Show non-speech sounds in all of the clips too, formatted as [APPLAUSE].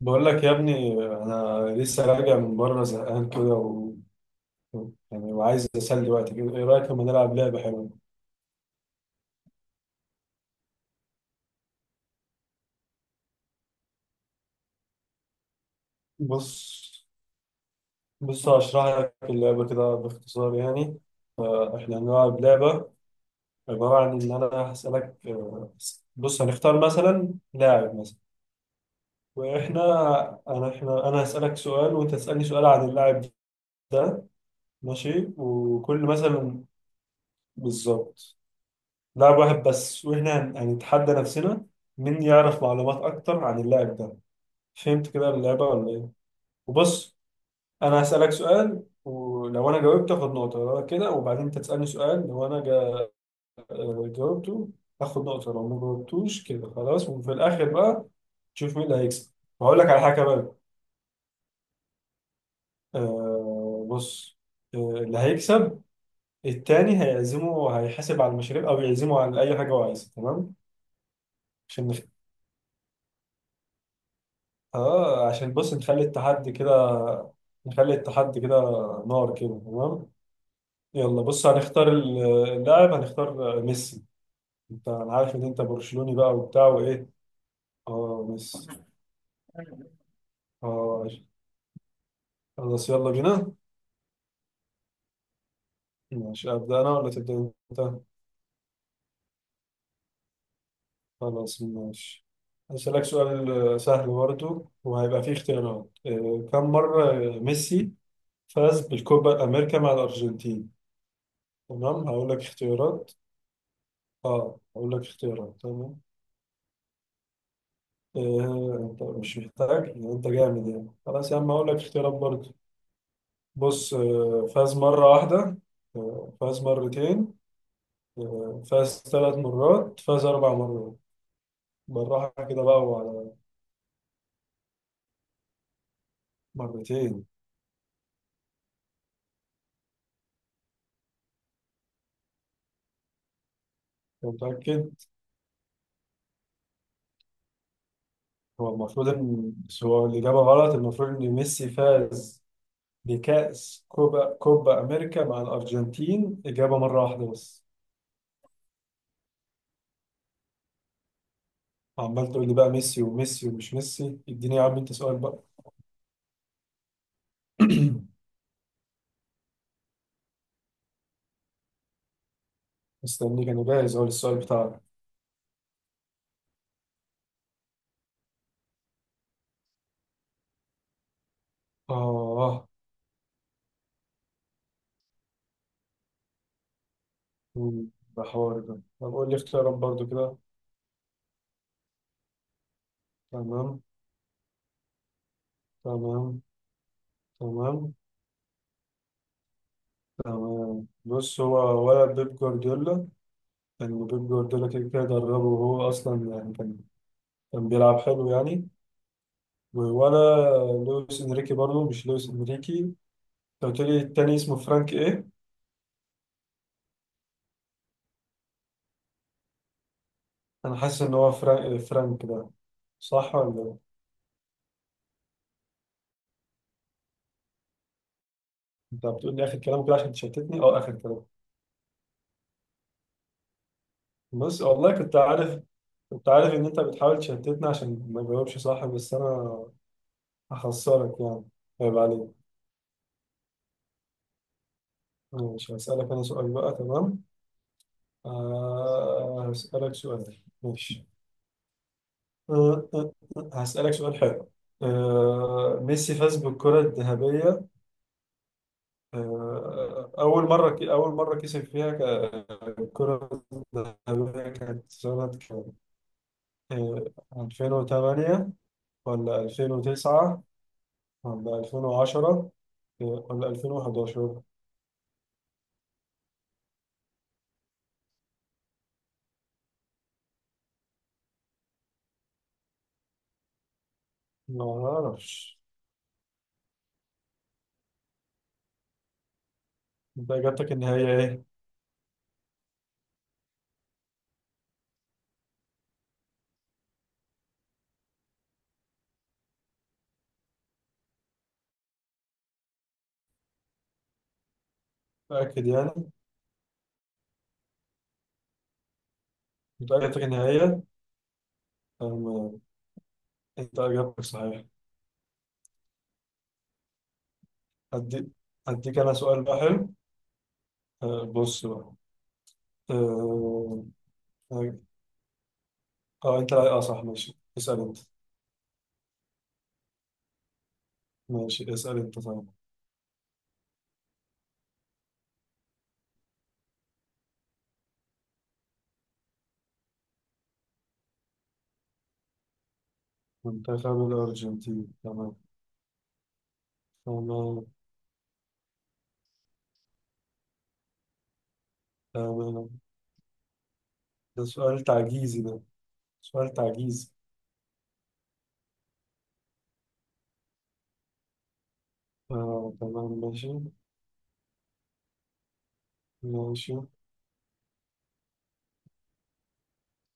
بقول لك يا ابني، انا لسه راجع من بره زهقان كده يعني، وعايز اسلي وقتي كده. ايه رايك لما نلعب لعبه حلوه؟ بص بص، هشرح لك اللعبه كده باختصار يعني. احنا هنلعب لعبه عباره عن ان انا هسالك. بص هنختار مثلا لاعب مثلا. واحنا انا احنا انا هسالك سؤال وانت تسالني سؤال عن اللاعب ده. ماشي، وكل مثلا بالظبط. لاعب واحد بس، واحنا هنتحدى نفسنا مين يعرف معلومات اكتر عن اللاعب ده. فهمت كده اللعبة ولا ايه؟ وبص، انا هسألك سؤال ولو انا جاوبت اخد نقطة. لو أنا كده، وبعدين انت تسألني سؤال، لو انا جا... آه، جاوبته اخد نقطة، لو ما جاوبتوش كده خلاص. وفي الاخر بقى تشوف مين اللي هيكسب. وهقول لك على حاجة بقى. بص، اللي هيكسب التاني هيعزمه، هيحاسب على المشاريب او يعزمه على اي حاجة هو عايزها. تمام؟ عشان اه عشان بص، نخلي التحدي كده. نخلي التحدي كده نار كده، تمام. يلا بص هنختار اللاعب. هنختار ميسي. انت، انا عارف ان انت برشلوني بقى وبتاع وايه. اه ميسي. اه خلاص يلا بينا. ماشي، ابدا انا ولا تبدا انت؟ خلاص ماشي. هسألك سؤال سهل برضو وهيبقى فيه اختيارات. كم مرة ميسي فاز بالكوبا أمريكا مع الأرجنتين؟ تمام هقول لك اختيارات. اه هقول لك اختيارات، تمام. إيه، انت مش محتاج؟ يعني انت جامد يعني. خلاص يا عم اقول لك اختيارات برضه. بص، فاز مرة واحدة، فاز مرتين، فاز ثلاث مرات، فاز اربع مرات. بالراحة كده بقى وعلى. مرتين؟ انت متأكد؟ هو المفروض ان، بس هو الإجابة غلط. المفروض ان ميسي فاز بكأس كوبا أمريكا مع الأرجنتين إجابة مرة واحدة بس. عمال تقول لي بقى ميسي وميسي ومش ميسي. اديني يا عم انت سؤال بقى. [CLEARS THROAT] مستنيك، انا جاهز اهو للسؤال بتاعك. اه، مم، ده حوار ده. طب قول لي اختيارات برضو كده. تمام. تمام. تمام. تمام. بص، هو ولا بيب جوارديولا؟ لأن بيب جوارديولا كده كده دربه، وهو أصلا يعني كان بيلعب حلو يعني. ولا لويس إنريكي؟ برضو مش لويس إنريكي. أنت قلت لي التاني اسمه فرانك إيه؟ أنا حاسس إن هو فرانك ده. صح ولا إيه؟ أنت بتقول لي آخر كلام كده عشان تشتتني. أه، آخر كلام. بص، والله كنت عارف إن أنت بتحاول تشتتني عشان ما أجاوبش صح. بس أنا هخسرك يعني، عيب عليك. ماشي هسألك أنا سؤال بقى، تمام. هسألك سؤال. ماشي. هسألك سؤال حلو. ميسي فاز بالكرة الذهبية. أول مرة كسب فيها الكرة الذهبية كانت سنة كام؟ آه 2008 ولا 2009 ولا 2010 ولا 2011؟ ما اعرفش. انت اجابتك النهائية ايه؟ متأكد يعني؟ انت اجابتك النهائية؟ أم- انت اجابتك صحيحة. هديك، هديك انا سؤال بقى حلو. أه، بص بقى. اه، آه، انت لا، اه صح، ماشي اسأل انت طيب. منتخب الأرجنتين. تمام. تمام. تمام. ده سؤال تعجيزي، ده سؤال تعجيزي. تمام ماشي. ماشي.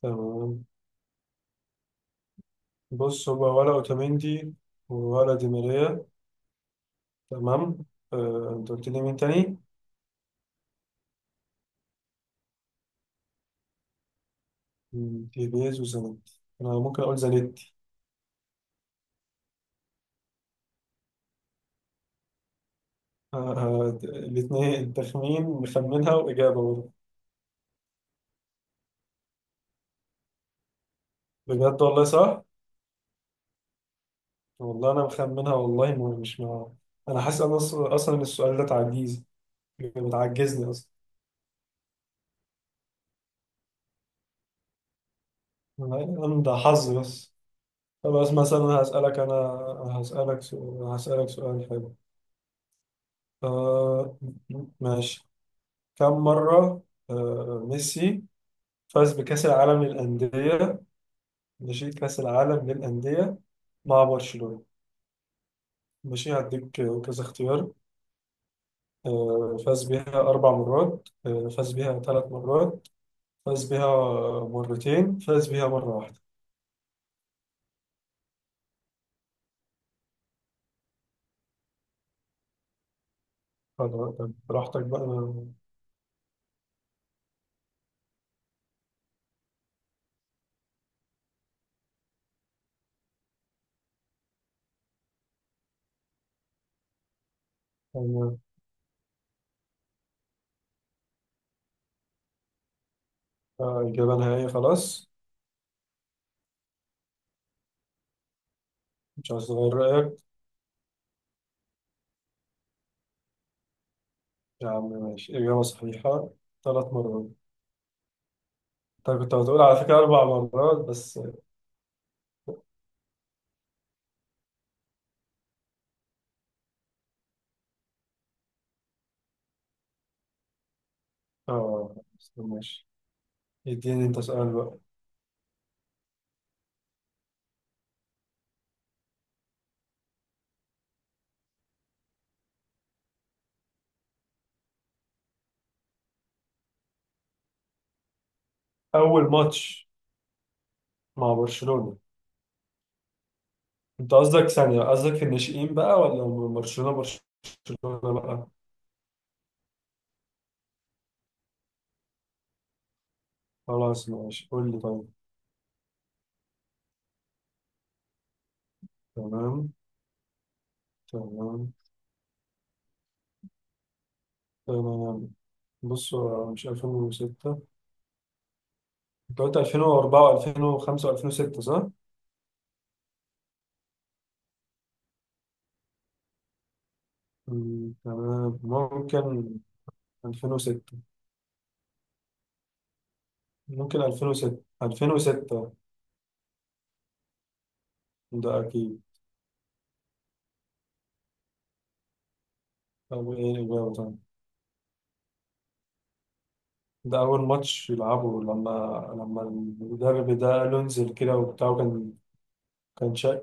تمام. بص، هو ولا اوتاميندي ولا دي ماريا؟ تمام. انت قلت لي مين تاني؟ تيبيز وزانيت. انا ممكن اقول زانيت. آه، الاتنين تخمين، مخمنها واجابه برضه. بجد والله، صح؟ والله انا مخمنها، والله مش مع. انا حاسس، أنا اصلا إن السؤال ده تعجيز، بتعجزني اصلا. أنا ده حظ بس. خلاص مثلا أنا هسألك. انا هسألك سؤال هسألك سؤال حلو. آه ماشي. كم مرة ميسي فاز بكأس العالم للأندية؟ ماشي كأس العالم للأندية مع برشلونة. ماشي هديك كذا اختيار. فاز بيها أربع مرات، فاز بيها ثلاث مرات، فاز بيها مرتين، فاز بيها مرة واحدة. خلاص، طب براحتك بقى. أنا- إجابة نهائية خلاص؟ مش عايز تغير رأيك؟ يا عم ماشي، إجابة صحيحة. ثلاث مرات. طيب كنت هتقول على فكرة أربع مرات بس. آه بس ماشي. اديني انت سؤال بقى. اول ماتش مع برشلونة. انت قصدك ثانية، قصدك في الناشئين بقى ولا برشلونة برشلونة بقى؟ خلاص ماشي، قول لي طيب. تمام. تمام. تمام. بص، هو مش 2006. انت قلت 2004 و2005 و2006، صح؟ تمام ممكن 2006، ممكن 2006، 2006، ده اكيد. طب ايه الاجابة طيب؟ ده أول ماتش يلعبه لما، لما المدرب ده قال له انزل كده وبتاع، وكان. كان شا...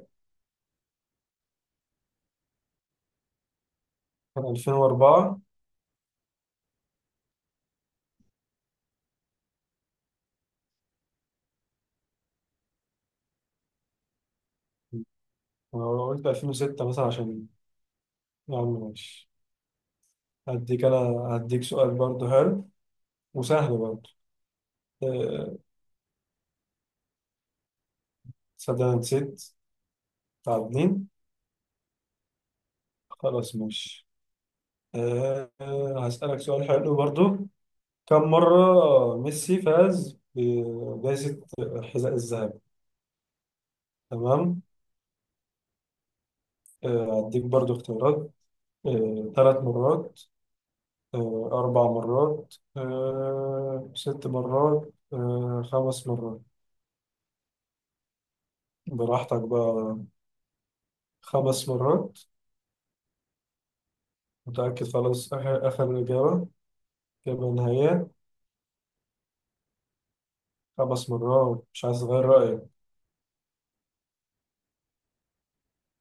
كان 2004. أنا قلت 2006 مثلا عشان، يا عم ماشي. هديك أنا، هديك سؤال برضه حلو، وسهل برضه. أه... صدق أنا نسيت. تعادلين. خلاص ماشي. أه... آه، هسألك سؤال حلو برضه. كم مرة ميسي فاز بجائزة الحذاء الذهبي؟ تمام. هديك برضه اختيارات. ثلاث مرات، أربع مرات، ست مرات، خمس مرات. براحتك بقى. خمس مرات؟ متأكد خلاص؟ آخر إجابة؟ إجابة نهائية؟ خمس مرات، مش عايز أغير رأيك؟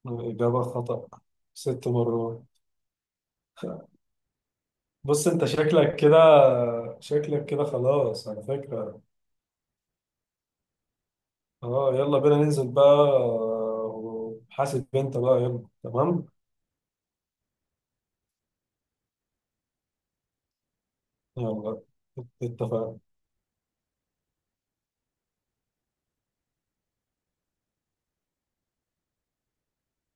إجابة خطأ. ست مرات. بص أنت شكلك كده، شكلك كده خلاص على فكرة. أه يلا بينا ننزل بقى. وحاسب أنت بقى، يلا تمام. يلا، اتفقنا.